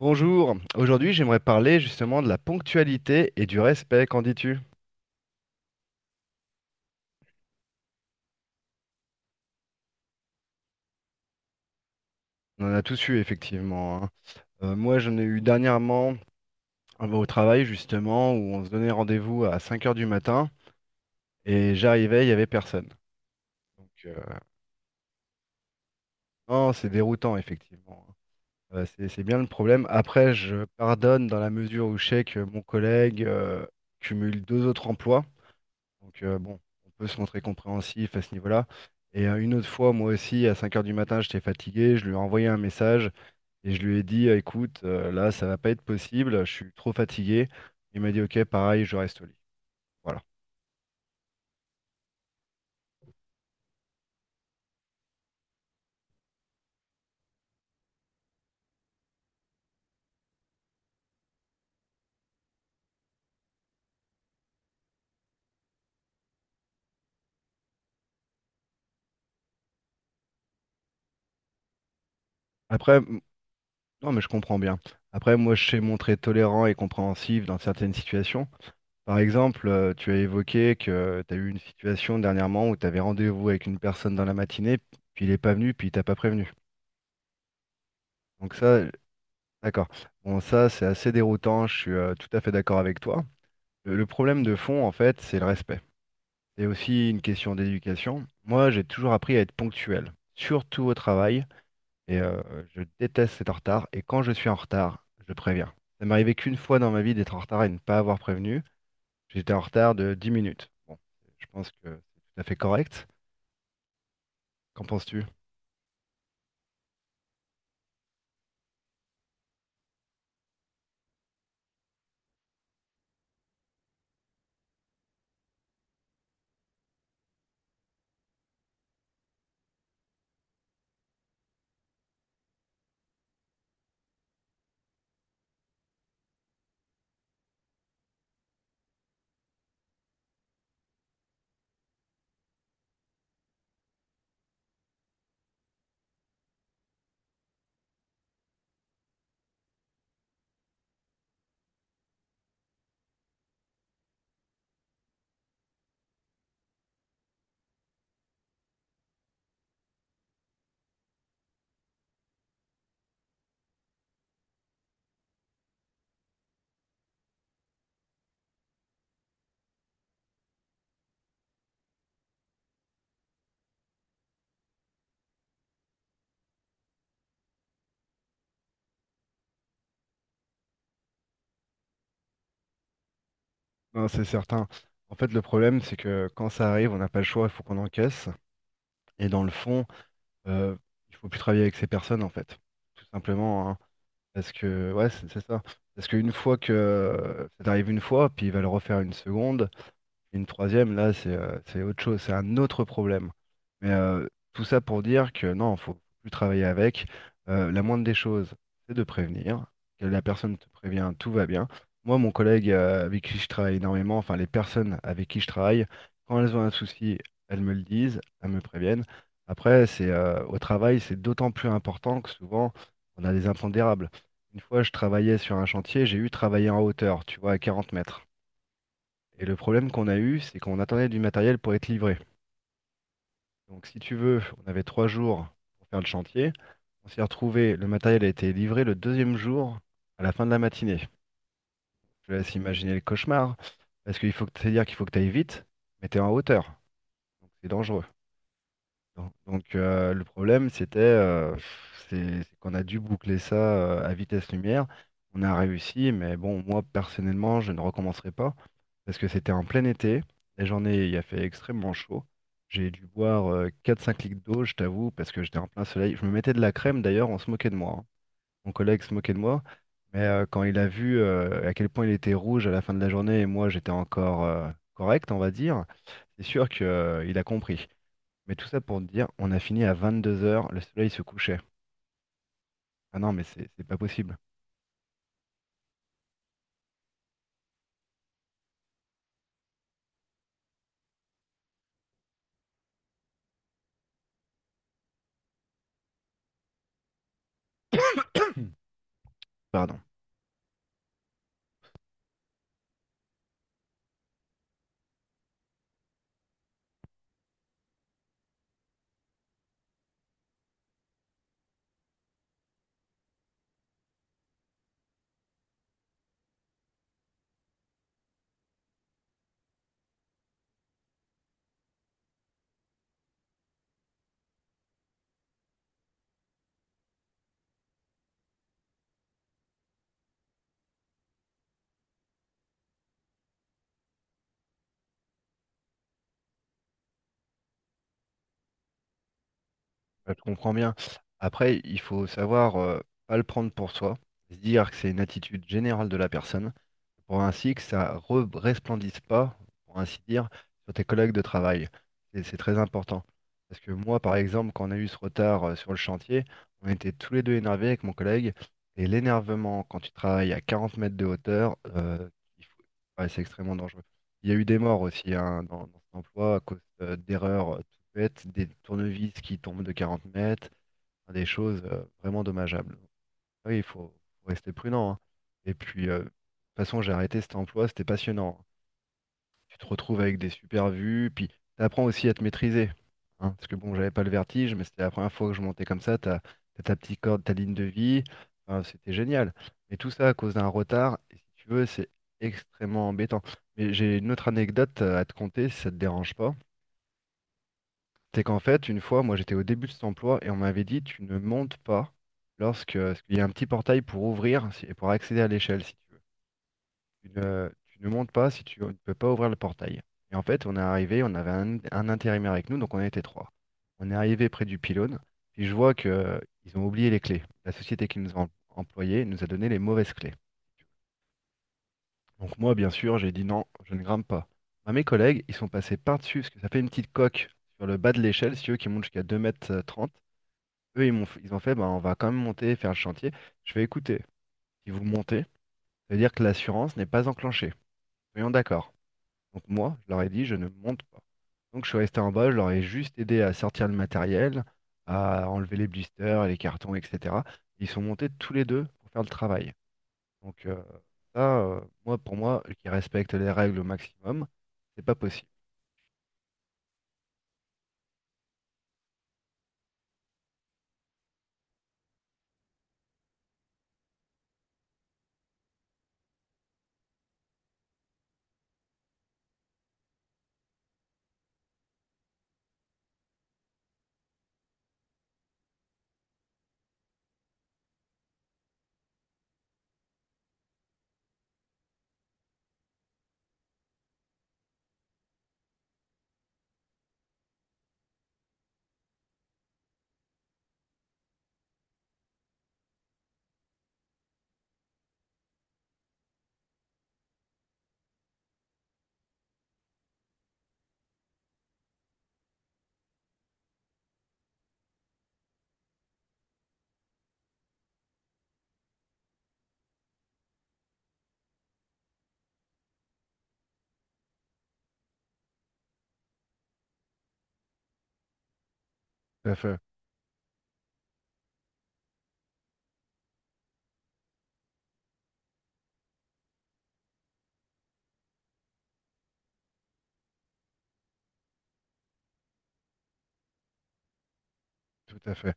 Bonjour, aujourd'hui j'aimerais parler justement de la ponctualité et du respect, qu'en dis-tu? On en a tous eu effectivement, hein. Moi j'en ai eu dernièrement au travail justement où on se donnait rendez-vous à 5 heures du matin et j'arrivais, il n'y avait personne. Donc, non, c'est déroutant effectivement, hein. C'est bien le problème. Après je pardonne dans la mesure où je sais que mon collègue cumule deux autres emplois. Donc, bon, on peut se montrer compréhensif à ce niveau-là. Et une autre fois, moi aussi, à 5 heures du matin, j'étais fatigué, je lui ai envoyé un message et je lui ai dit, écoute, là, ça va pas être possible, je suis trop fatigué. Il m'a dit, ok, pareil, je reste au lit. Voilà. Après, non, mais je comprends bien. Après, moi, je sais montrer tolérant et compréhensif dans certaines situations. Par exemple, tu as évoqué que tu as eu une situation dernièrement où tu avais rendez-vous avec une personne dans la matinée, puis il n'est pas venu, puis il t'a pas prévenu. Donc ça, d'accord. Bon, ça, c'est assez déroutant, je suis tout à fait d'accord avec toi. Le problème de fond, en fait, c'est le respect. C'est aussi une question d'éducation. Moi, j'ai toujours appris à être ponctuel, surtout au travail, et je déteste être en retard, et quand je suis en retard, je préviens. Ça m'est arrivé qu'une fois dans ma vie d'être en retard et de ne pas avoir prévenu. J'étais en retard de 10 minutes. Bon, je pense que c'est tout à fait correct. Qu'en penses-tu? Non, c'est certain. En fait, le problème, c'est que quand ça arrive, on n'a pas le choix, il faut qu'on encaisse. Et dans le fond, euh, il faut plus travailler avec ces personnes, en fait. Tout simplement, hein. Parce que, ouais, c'est ça. Parce qu'une fois que ça t'arrive une fois, puis il va le refaire une seconde, une troisième, là, c'est autre chose, c'est un autre problème. Mais tout ça pour dire que non, faut plus travailler avec. La moindre des choses, c'est de prévenir. Que la personne te prévient, tout va bien. Moi, mon collègue avec qui je travaille énormément, enfin les personnes avec qui je travaille, quand elles ont un souci, elles me le disent, elles me préviennent. Après, c'est au travail, c'est d'autant plus important que souvent, on a des impondérables. Une fois, je travaillais sur un chantier, j'ai eu travailler en hauteur, tu vois, à 40 mètres. Et le problème qu'on a eu, c'est qu'on attendait du matériel pour être livré. Donc si tu veux, on avait 3 jours pour faire le chantier. On s'est retrouvé, le matériel a été livré le deuxième jour à la fin de la matinée. Je te laisse imaginer le cauchemar, parce qu'il faut que, c'est-à-dire qu'il faut que tu ailles vite, mais tu es en hauteur, donc c'est dangereux. Non. Donc, le problème, c'était c'est qu'on a dû boucler ça à vitesse lumière. On a réussi, mais bon, moi personnellement, je ne recommencerai pas parce que c'était en plein été. La journée, il a fait extrêmement chaud. J'ai dû boire 4-5 litres d'eau, je t'avoue, parce que j'étais en plein soleil. Je me mettais de la crème d'ailleurs, on se moquait de moi, hein. Mon collègue se moquait de moi, mais quand il a vu à quel point il était rouge à la fin de la journée et moi j'étais encore correct, on va dire, c'est sûr qu'il a compris. Mais tout ça pour te dire, on a fini à 22 heures, le soleil se couchait. Ah non, mais c'est pas possible. Pardon. Bah, je te comprends bien. Après, il faut savoir, pas le prendre pour soi, se dire que c'est une attitude générale de la personne, pour ainsi que ça resplendisse pas, pour ainsi dire, sur tes collègues de travail. Et c'est très important. Parce que moi, par exemple, quand on a eu ce retard sur le chantier, on était tous les deux énervés avec mon collègue. Et l'énervement, quand tu travailles à 40 mètres de hauteur, il faut- ouais, c'est extrêmement dangereux. Il y a eu des morts aussi, hein, dans cet emploi à cause d'erreurs toutes bêtes, des tournevis qui tombent de 40 mètres, enfin, des choses vraiment dommageables. Oui, il faut rester prudent, hein. Et puis, de toute façon, j'ai arrêté cet emploi, c'était passionnant, hein. Tu te retrouves avec des super vues, puis tu apprends aussi à te maîtriser, hein, parce que bon, j'avais pas le vertige, mais c'était la première fois que je montais comme ça. T'as ta petite corde, ta ligne de vie. Enfin, c'était génial. Mais tout ça à cause d'un retard, et si tu veux, c'est extrêmement embêtant. Mais j'ai une autre anecdote à te conter, si ça te dérange pas. C'est qu'en fait, une fois, moi j'étais au début de cet emploi et on m'avait dit tu ne montes pas lorsque, parce qu'il y a un petit portail pour ouvrir et pour accéder à l'échelle si tu veux. Tu ne montes pas si tu ne peux pas ouvrir le portail. Et en fait, on est arrivé, on avait un intérimaire avec nous, donc on était trois. On est arrivé près du pylône, puis je vois que ils ont oublié les clés. La société qui nous a employés nous a donné les mauvaises clés. Donc moi, bien sûr, j'ai dit non, je ne grimpe pas. Bah, mes collègues, ils sont passés par-dessus, parce que ça fait une petite coque sur le bas de l'échelle, si tu veux, qui monte jusqu'à 2,30 mètres. Eux, ils m'ont, ils ont fait, bah, on va quand même monter, faire le chantier. Je fais écouter, si vous montez, ça veut dire que l'assurance n'est pas enclenchée. Soyons d'accord. Donc moi, je leur ai dit, je ne monte pas. Donc je suis resté en bas, je leur ai juste aidé à sortir le matériel, à enlever les blisters, les cartons, etc. Ils sont montés tous les deux pour faire le travail. Donc, ça, moi, pour moi, qui respecte les règles au maximum, c'est pas possible. Tout à fait, tout à fait.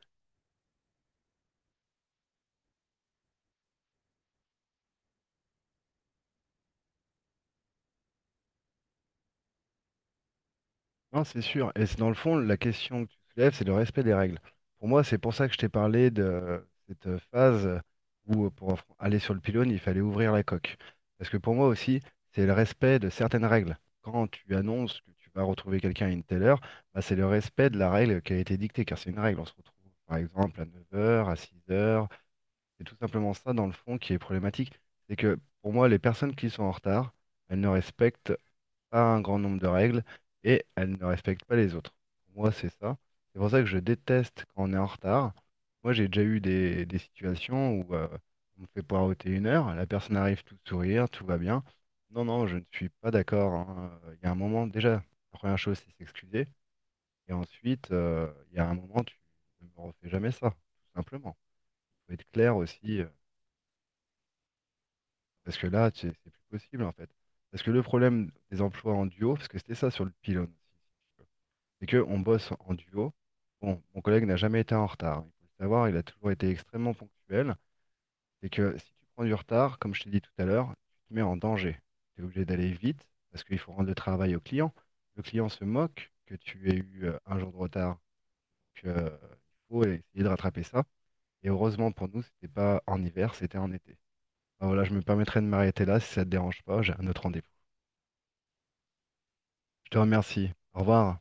Non, c'est sûr. Et c'est dans le fond, la question que tu soulèves, c'est le respect des règles. Pour moi, c'est pour ça que je t'ai parlé de cette phase où, pour aller sur le pylône, il fallait ouvrir la coque. Parce que pour moi aussi, c'est le respect de certaines règles. Quand tu annonces que tu vas retrouver quelqu'un à une telle heure, bah, c'est le respect de la règle qui a été dictée, car c'est une règle. On se retrouve, par exemple, à 9 heures, à 6 heures. C'est tout simplement ça, dans le fond, qui est problématique. C'est que, pour moi, les personnes qui sont en retard, elles ne respectent a un grand nombre de règles et elle ne respecte pas les autres. Pour moi, c'est ça. C'est pour ça que je déteste quand on est en retard. Moi, j'ai déjà eu des situations où on me fait poireauter 1 heure, la personne arrive tout sourire, tout va bien. Non, non, je ne suis pas d'accord, hein. Il y a un moment, déjà, la première chose, c'est s'excuser. Et ensuite, il y a un moment, tu ne me refais jamais ça, tout simplement. Il faut être clair aussi, parce que là, c'est plus possible, en fait. Parce que le problème des emplois en duo, parce que c'était ça sur le pylône, aussi, c'est qu'on bosse en duo. Bon, mon collègue n'a jamais été en retard, hein. Il faut le savoir, il a toujours été extrêmement ponctuel. C'est que si tu prends du retard, comme je t'ai dit tout à l'heure, tu te mets en danger. Tu es obligé d'aller vite parce qu'il faut rendre le travail au client. Le client se moque que tu aies eu un jour de retard. Donc, il faut essayer de rattraper ça. Et heureusement pour nous, c'était pas en hiver, c'était en été. Ah, voilà, je me permettrai de m'arrêter là si ça te dérange pas. J'ai un autre rendez-vous. Je te remercie. Au revoir.